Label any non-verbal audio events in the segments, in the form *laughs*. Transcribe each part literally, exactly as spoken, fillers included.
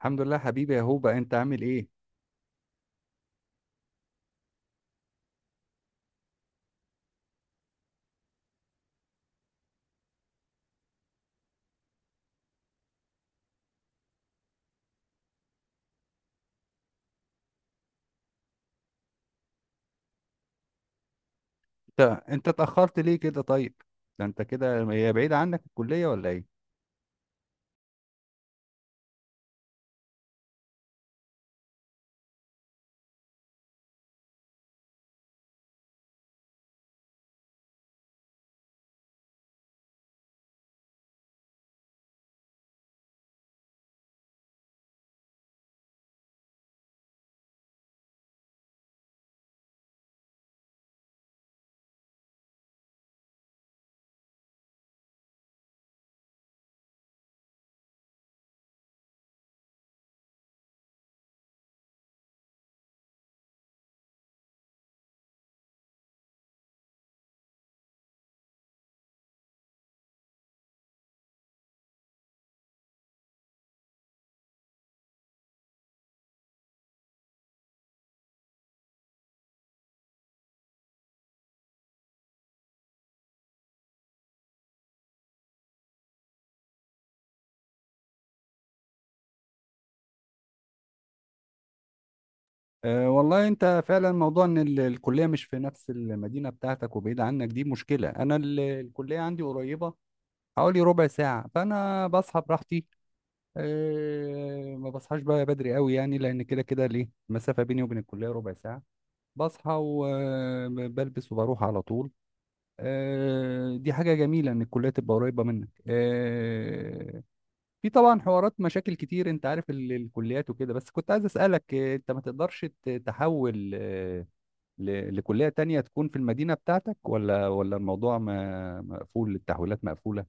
الحمد لله حبيبي يا هوبا، انت عامل ايه؟ انت انت اتاخرت ليه كده؟ طيب، ده انت كده هي بعيده عنك الكليه ولا ايه؟ أه والله، انت فعلا موضوع ان ال- الكليه مش في نفس المدينه بتاعتك وبعيده عنك، دي مشكله. انا ال- الكليه عندي قريبه، حوالي ربع ساعه، فانا بصحى براحتي. أه ما بصحاش بقى بدري قوي يعني، لان كده كده ليه المسافه بيني وبين الكليه ربع ساعه. بصحى وبلبس وبروح على طول. آه، دي حاجة جميلة إن الكلية تبقى قريبة منك. آه، في طبعا حوارات مشاكل كتير، انت عارف ال- الكليات وكده. بس كنت عايز اسالك، آه، انت ما تقدرش ت- تحول آه، ل- لكليه تانية تكون في المدينه بتاعتك، ولا ولا الموضوع ما- مقفول؟ التحويلات مقفوله؟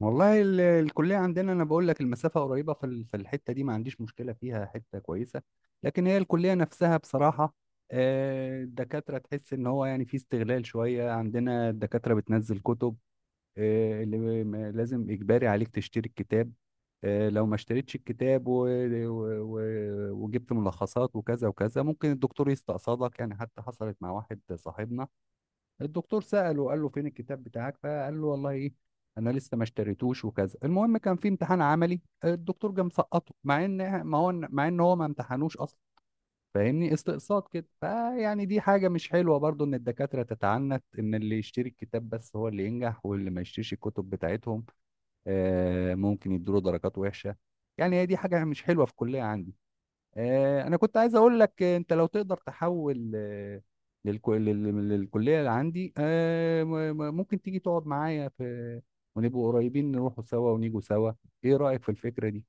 والله ال- الكليه عندنا، انا بقول لك، المسافه قريبه في ال- في الحته دي، ما عنديش مشكله فيها، حته كويسه. لكن هي الكليه نفسها بصراحه، آه، الدكاتره، تحس ان هو يعني في استغلال شويه. عندنا الدكاتره بتنزل كتب، آه، اللي م- لازم إجباري عليك تشتري الكتاب. آه، لو ما اشتريتش الكتاب و... و... و... وجبت ملخصات وكذا وكذا، ممكن الدكتور يستقصدك يعني. حتى حصلت مع واحد صاحبنا، الدكتور سأله قال له فين الكتاب بتاعك، فقال له والله ايه، انا لسه ما اشتريتوش وكذا. المهم كان في امتحان عملي، الدكتور جه مسقطه، مع ان ما هو، مع ان هو ما امتحنوش اصلا. فاهمني؟ استقصاد كده. فيعني دي حاجة مش حلوة برضو، ان الدكاترة تتعنت ان اللي يشتري الكتاب بس هو اللي ينجح، واللي ما يشتريش الكتب بتاعتهم آه، ممكن يدوله درجات وحشة. يعني هي دي حاجة مش حلوة في الكلية عندي. آه، انا كنت عايز اقول لك، آه، انت لو تقدر تحول آه، للك- لل- للكلية اللي عندي، آه، م- م- ممكن تيجي تقعد معايا في، ونبقوا قريبين، نروحوا سوا ونيجوا سوا. ايه رأيك في الفكرة دي؟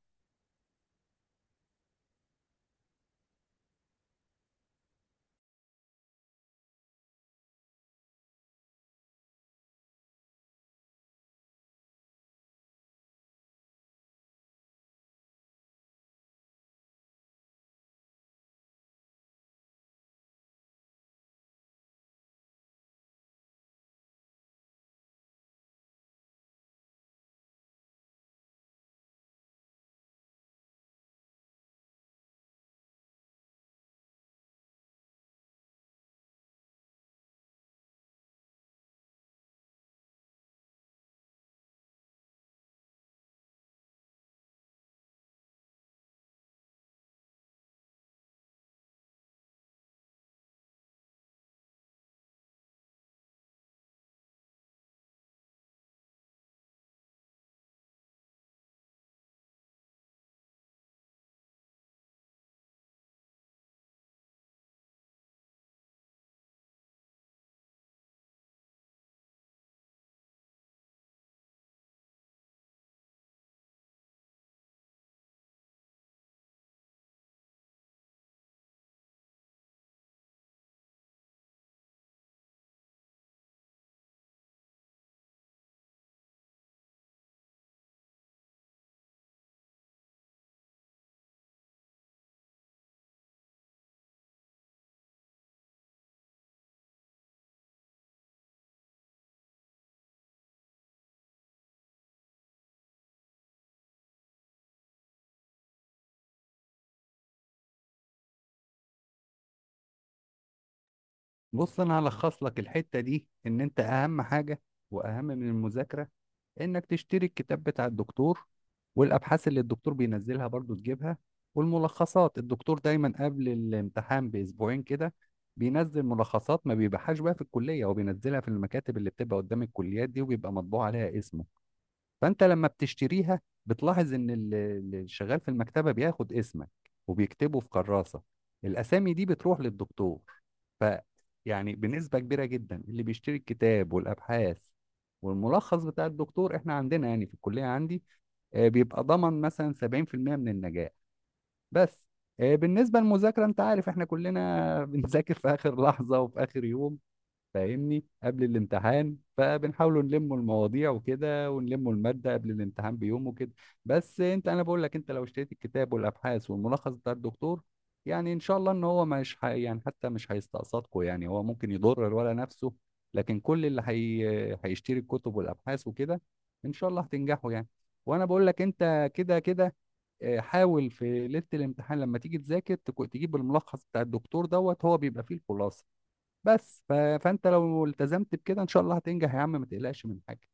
بص، انا هلخص لك الحتة دي، ان انت اهم حاجة واهم من المذاكرة انك تشتري الكتاب بتاع الدكتور، والابحاث اللي الدكتور بينزلها برضو تجيبها. والملخصات، الدكتور دايما قبل الامتحان باسبوعين كده بينزل ملخصات، ما بيبيعهاش بقى في الكلية، هو بينزلها في المكاتب اللي بتبقى قدام الكليات دي، وبيبقى مطبوع عليها اسمه. فانت لما بتشتريها، بتلاحظ ان ال- اللي شغال في المكتبه بياخد اسمك وبيكتبه في كراسه. الاسامي دي بتروح للدكتور. ف، يعني بنسبه كبيره جدا اللي بيشتري الكتاب والابحاث والملخص بتاع الدكتور، احنا عندنا يعني في الكليه عندي آه، بيبقى ضمن مثلا سبعين في المئة من النجاح. بس آه، بالنسبه للمذاكره، انت عارف احنا كلنا *laughs* بنذاكر في اخر لحظه وفي اخر يوم، فاهمني، قبل الامتحان. فبنحاولوا نلموا المواضيع وكده، ونلموا المادة قبل الامتحان بيوم وكده. بس انت، انا بقول لك، انت لو اشتريت الكتاب والابحاث والملخص بتاع الدكتور، يعني ان شاء الله ان هو مش ح... يعني حتى مش هيستقصدكم يعني، هو ممكن يضر الولا نفسه. لكن كل اللي هي... هيشتري الكتب والابحاث وكده، ان شاء الله هتنجحوا يعني. وانا بقول لك، انت كده كده آه، حاول في ليله الامتحان لما تيجي تذاكر تكو- تجيب الملخص بتاع الدكتور دوت هو بيبقى فيه الخلاصه. بس ف... فانت لو التزمت بكده، ان شاء الله هتنجح يا عم، ما تقلقش من حاجه.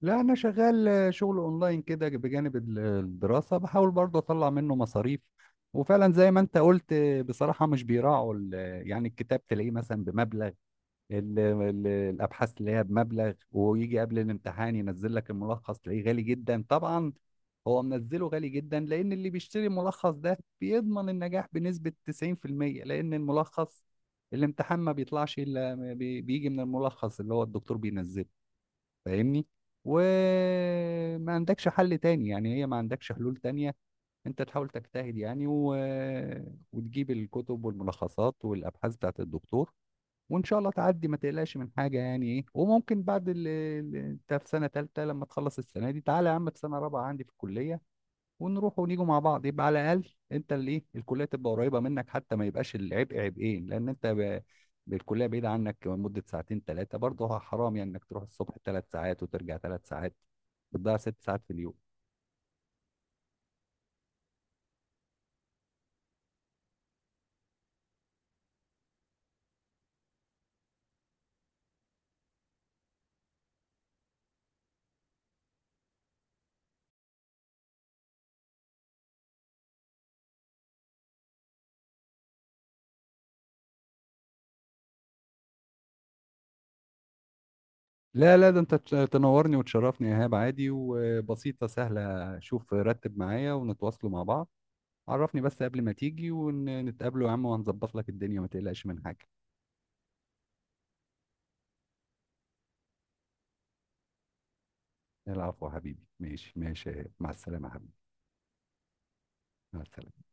لا انا شغال، آه، شغل اونلاين كده بجانب ال- الدراسه، بحاول برضه اطلع منه مصاريف. وفعلا زي ما انت قلت، آه، بصراحه مش بيراعوا ال- يعني الكتاب تلاقيه مثلا بمبلغ، ال- ال- الابحاث اللي هي بمبلغ، ويجي قبل الامتحان ينزل لك الملخص تلاقيه غالي جدا طبعا. هو منزله غالي جدا لان اللي بيشتري الملخص ده بيضمن النجاح بنسبة تسعين في المية، لان الملخص، الامتحان ما بيطلعش الا بي- بيجي من الملخص اللي هو الدكتور بينزله، فاهمني؟ وما عندكش حل تاني يعني، هي ما عندكش حلول تانية، انت تحاول تجتهد يعني، و... وتجيب الكتب والملخصات والابحاث بتاعت الدكتور، وان شاء الله تعدي، ما تقلقش من حاجه يعني. ايه؟ وممكن بعد ال- ال- انت في سنه ثالثه، لما تخلص السنه دي، تعالى يا عم في سنه رابعه عندي في الكليه، ونروح ونيجوا مع بعض. يبقى على الاقل انت، اللي ايه، الكليه تبقى قريبه منك، حتى ما يبقاش العبء عبئين، لان انت ب... الكليه بعيده عنك مده ساعتين ثلاثه، برضه حرام يعني انك تروح الصبح ثلاث ساعات وترجع ثلاث ساعات، بتضيع ست ساعات في اليوم. لا لا ده انت تش- تنورني وتشرفني يا ايهاب، عادي وبسيطه، سهله. شوف رتب معايا ونتواصلوا مع بعض، عرفني بس قبل ما تيجي ونتقابله يا عم، وهنظبط لك الدنيا، ما تقلقش من حاجة. العفو يا حبيبي، ماشي ماشي. مع السلامة يا حبيبي. مع السلامة.